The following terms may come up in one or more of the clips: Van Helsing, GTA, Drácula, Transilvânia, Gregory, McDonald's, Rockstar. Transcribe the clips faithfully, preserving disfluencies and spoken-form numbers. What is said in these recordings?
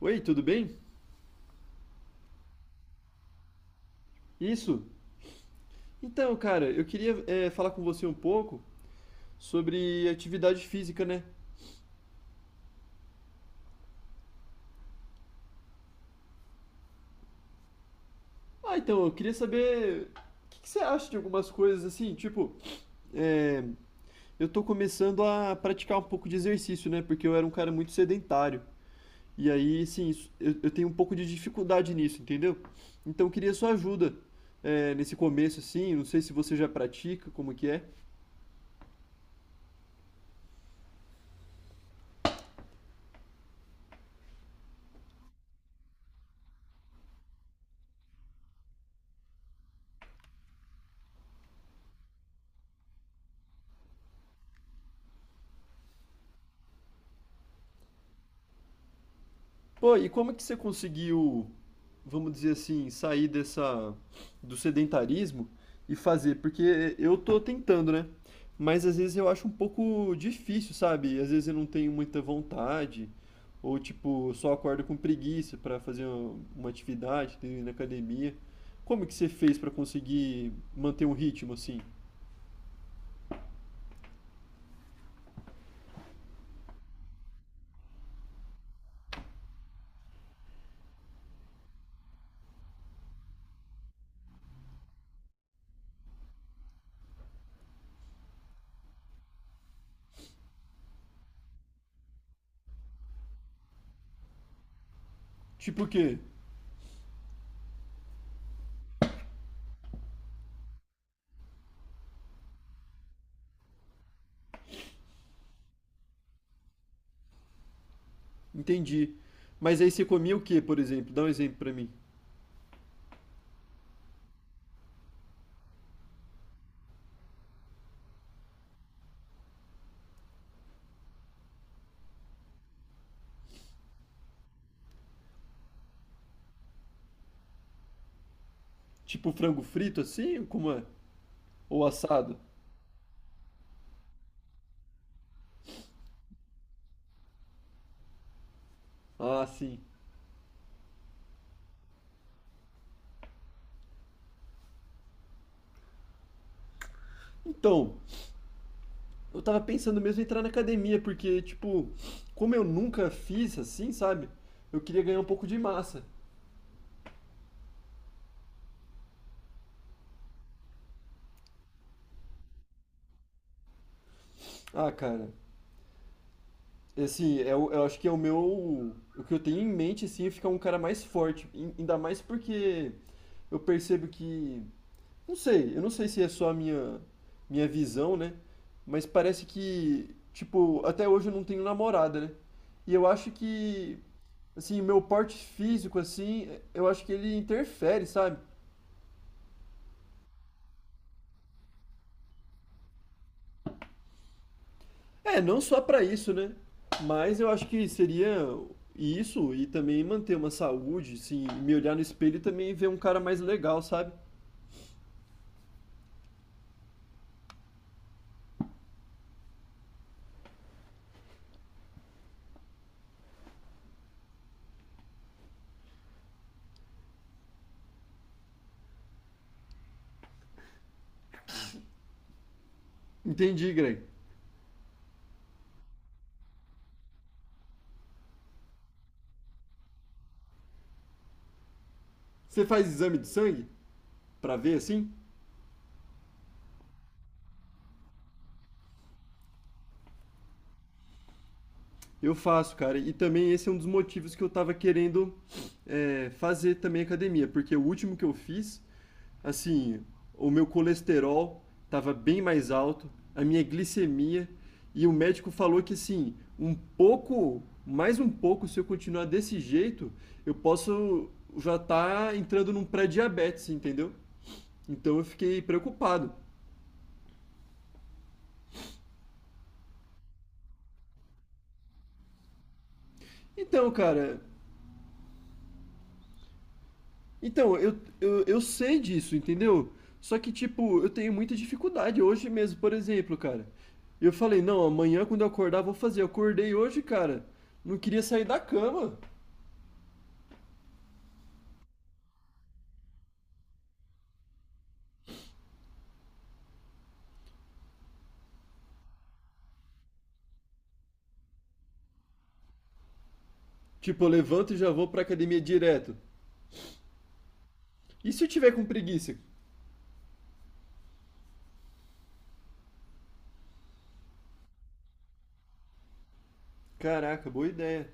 Oi, tudo bem? Isso. Então, cara, eu queria é, falar com você um pouco sobre atividade física, né? Ah, então, eu queria saber o que que você acha de algumas coisas assim, tipo, é, eu tô começando a praticar um pouco de exercício, né? Porque eu era um cara muito sedentário. E aí, sim, isso- eu, eu tenho um pouco de dificuldade nisso, entendeu? Então, eu queria sua ajuda é, nesse começo, assim. Não sei se você já pratica, como que é. Pô, e como é que você conseguiu, vamos dizer assim, sair dessa do sedentarismo e fazer? Porque eu tô tentando, né? Mas às vezes eu acho um pouco difícil, sabe? Às vezes eu não tenho muita vontade, ou tipo, só acordo com preguiça pra fazer uma, uma atividade, ir na academia. Como que você fez pra conseguir manter um ritmo assim? Tipo o quê? Entendi. Mas aí você comia o quê, por exemplo? Dá um exemplo pra mim. Tipo frango frito assim? Como é? Ou assado? Ah, sim. Então, eu tava pensando mesmo em entrar na academia, porque, tipo, como eu nunca fiz assim, sabe? Eu queria ganhar um pouco de massa. Ah, cara, assim, eu, eu acho que é o meu. O que eu tenho em mente, assim, é ficar um cara mais forte. Ain- Ainda mais porque eu percebo que não sei, eu não sei se é só a minha, minha visão, né? Mas parece que, tipo, até hoje eu não tenho namorada, né? E eu acho que, assim, meu porte físico, assim, eu acho que ele interfere, sabe? É, não só pra isso, né? Mas eu acho que seria isso e também manter uma saúde, assim, me olhar no espelho e também ver um cara mais legal, sabe? Entendi, Greg. Você faz exame de sangue pra ver, assim? Eu faço, cara. E também esse é um dos motivos que eu tava querendo é, fazer também academia, porque o último que eu fiz, assim, o meu colesterol tava bem mais alto, a minha glicemia, e o médico falou que, assim, um pouco, mais um pouco, se eu continuar desse jeito, eu posso já tá entrando num pré-diabetes, entendeu? Então eu fiquei preocupado. Então, cara, Então, eu, eu, eu sei disso, entendeu? Só que, tipo, eu tenho muita dificuldade hoje mesmo, por exemplo, cara. Eu falei, não, amanhã quando eu acordar vou fazer. Eu acordei hoje, cara. Não queria sair da cama. Tipo, eu levanto e já vou pra academia direto. E se eu tiver com preguiça? Caraca, boa ideia.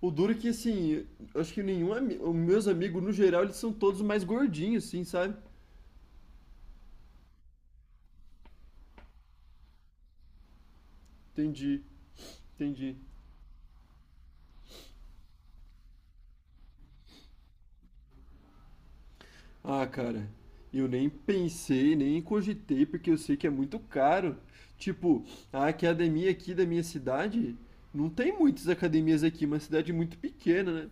O duro é que, assim, eu acho que nenhum ami... meus amigos, no geral, eles são todos mais gordinhos, assim, sabe? Entendi, entendi. Ah, cara, eu nem pensei, nem cogitei, porque eu sei que é muito caro. Tipo, a academia aqui da minha cidade, não tem muitas academias aqui, uma cidade muito pequena, né?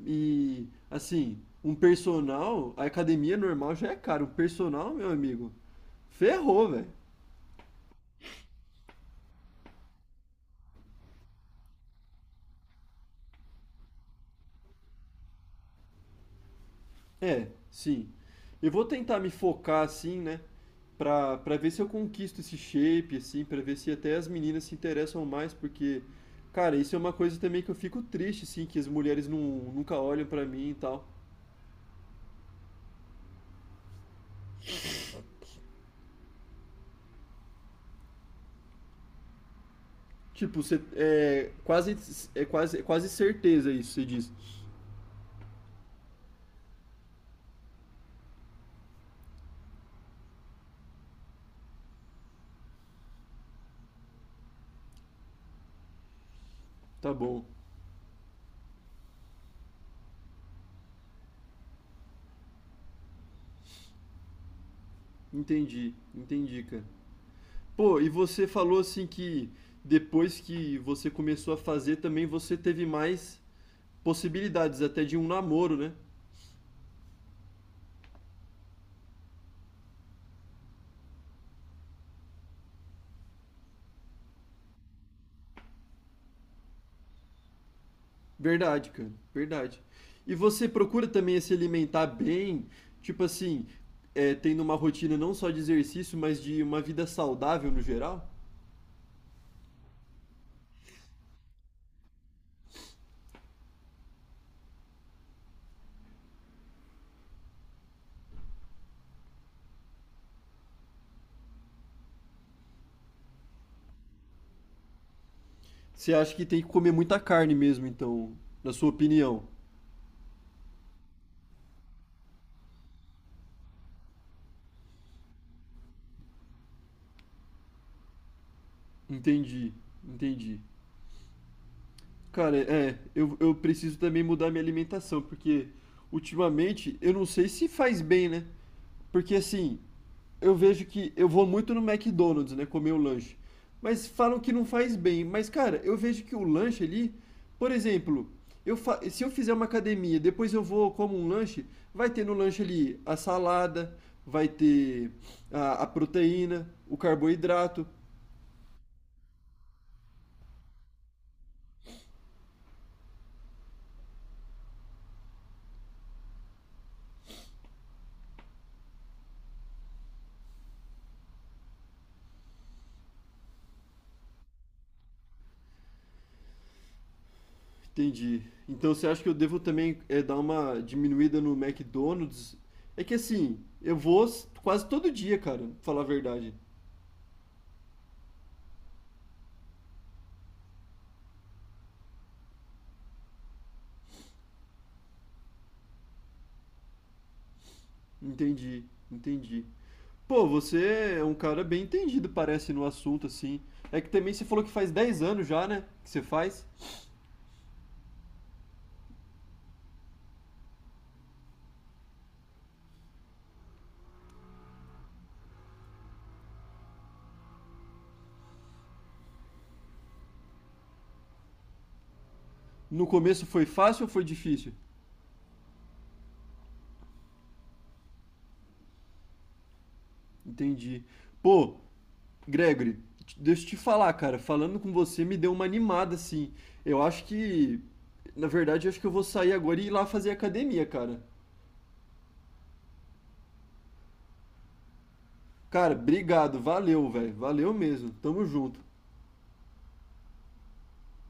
E, assim, um personal, a academia normal já é caro, um personal, meu amigo, ferrou, velho. É, sim. Eu vou tentar me focar assim, né? Pra, pra ver se eu conquisto esse shape, assim, pra ver se até as meninas se interessam mais, porque, cara, isso é uma coisa também que eu fico triste, assim, que as mulheres não, nunca olham pra mim e tal. Tipo, você, é quase, é quase, é quase certeza isso, você diz. Tá bom, entendi, entendi, cara. Pô, e você falou assim que depois que você começou a fazer também você teve mais possibilidades até de um namoro, né? Verdade, cara, verdade. E você procura também se alimentar bem, tipo assim, é, tendo uma rotina não só de exercício, mas de uma vida saudável no geral? Você acha que tem que comer muita carne mesmo, então, na sua opinião? Entendi, entendi. Cara, é, eu, eu preciso também mudar minha alimentação, porque ultimamente eu não sei se faz bem, né? Porque assim, eu vejo que eu vou muito no McDonald's, né, comer o lanche. Mas falam que não faz bem. Mas, cara, eu vejo que o lanche ali, por exemplo, eu fa- se eu fizer uma academia, depois eu vou como um lanche, vai ter no lanche ali a salada, vai ter a, a proteína, o carboidrato. Entendi. Então você acha que eu devo também eh, dar uma diminuída no McDonald's? É que assim, eu vou s- quase todo dia, cara, pra falar a verdade. Entendi, entendi. Pô, você é um cara bem entendido, parece, no assunto, assim. É que também você falou que faz dez anos já, né? Que você faz. No começo foi fácil ou foi difícil? Entendi. Pô, Gregory, t- deixa eu te falar, cara, falando com você me deu uma animada, assim. Eu acho que, na verdade, eu acho que eu vou sair agora e ir lá fazer academia, cara. Cara, obrigado, valeu, velho, valeu mesmo. Tamo junto.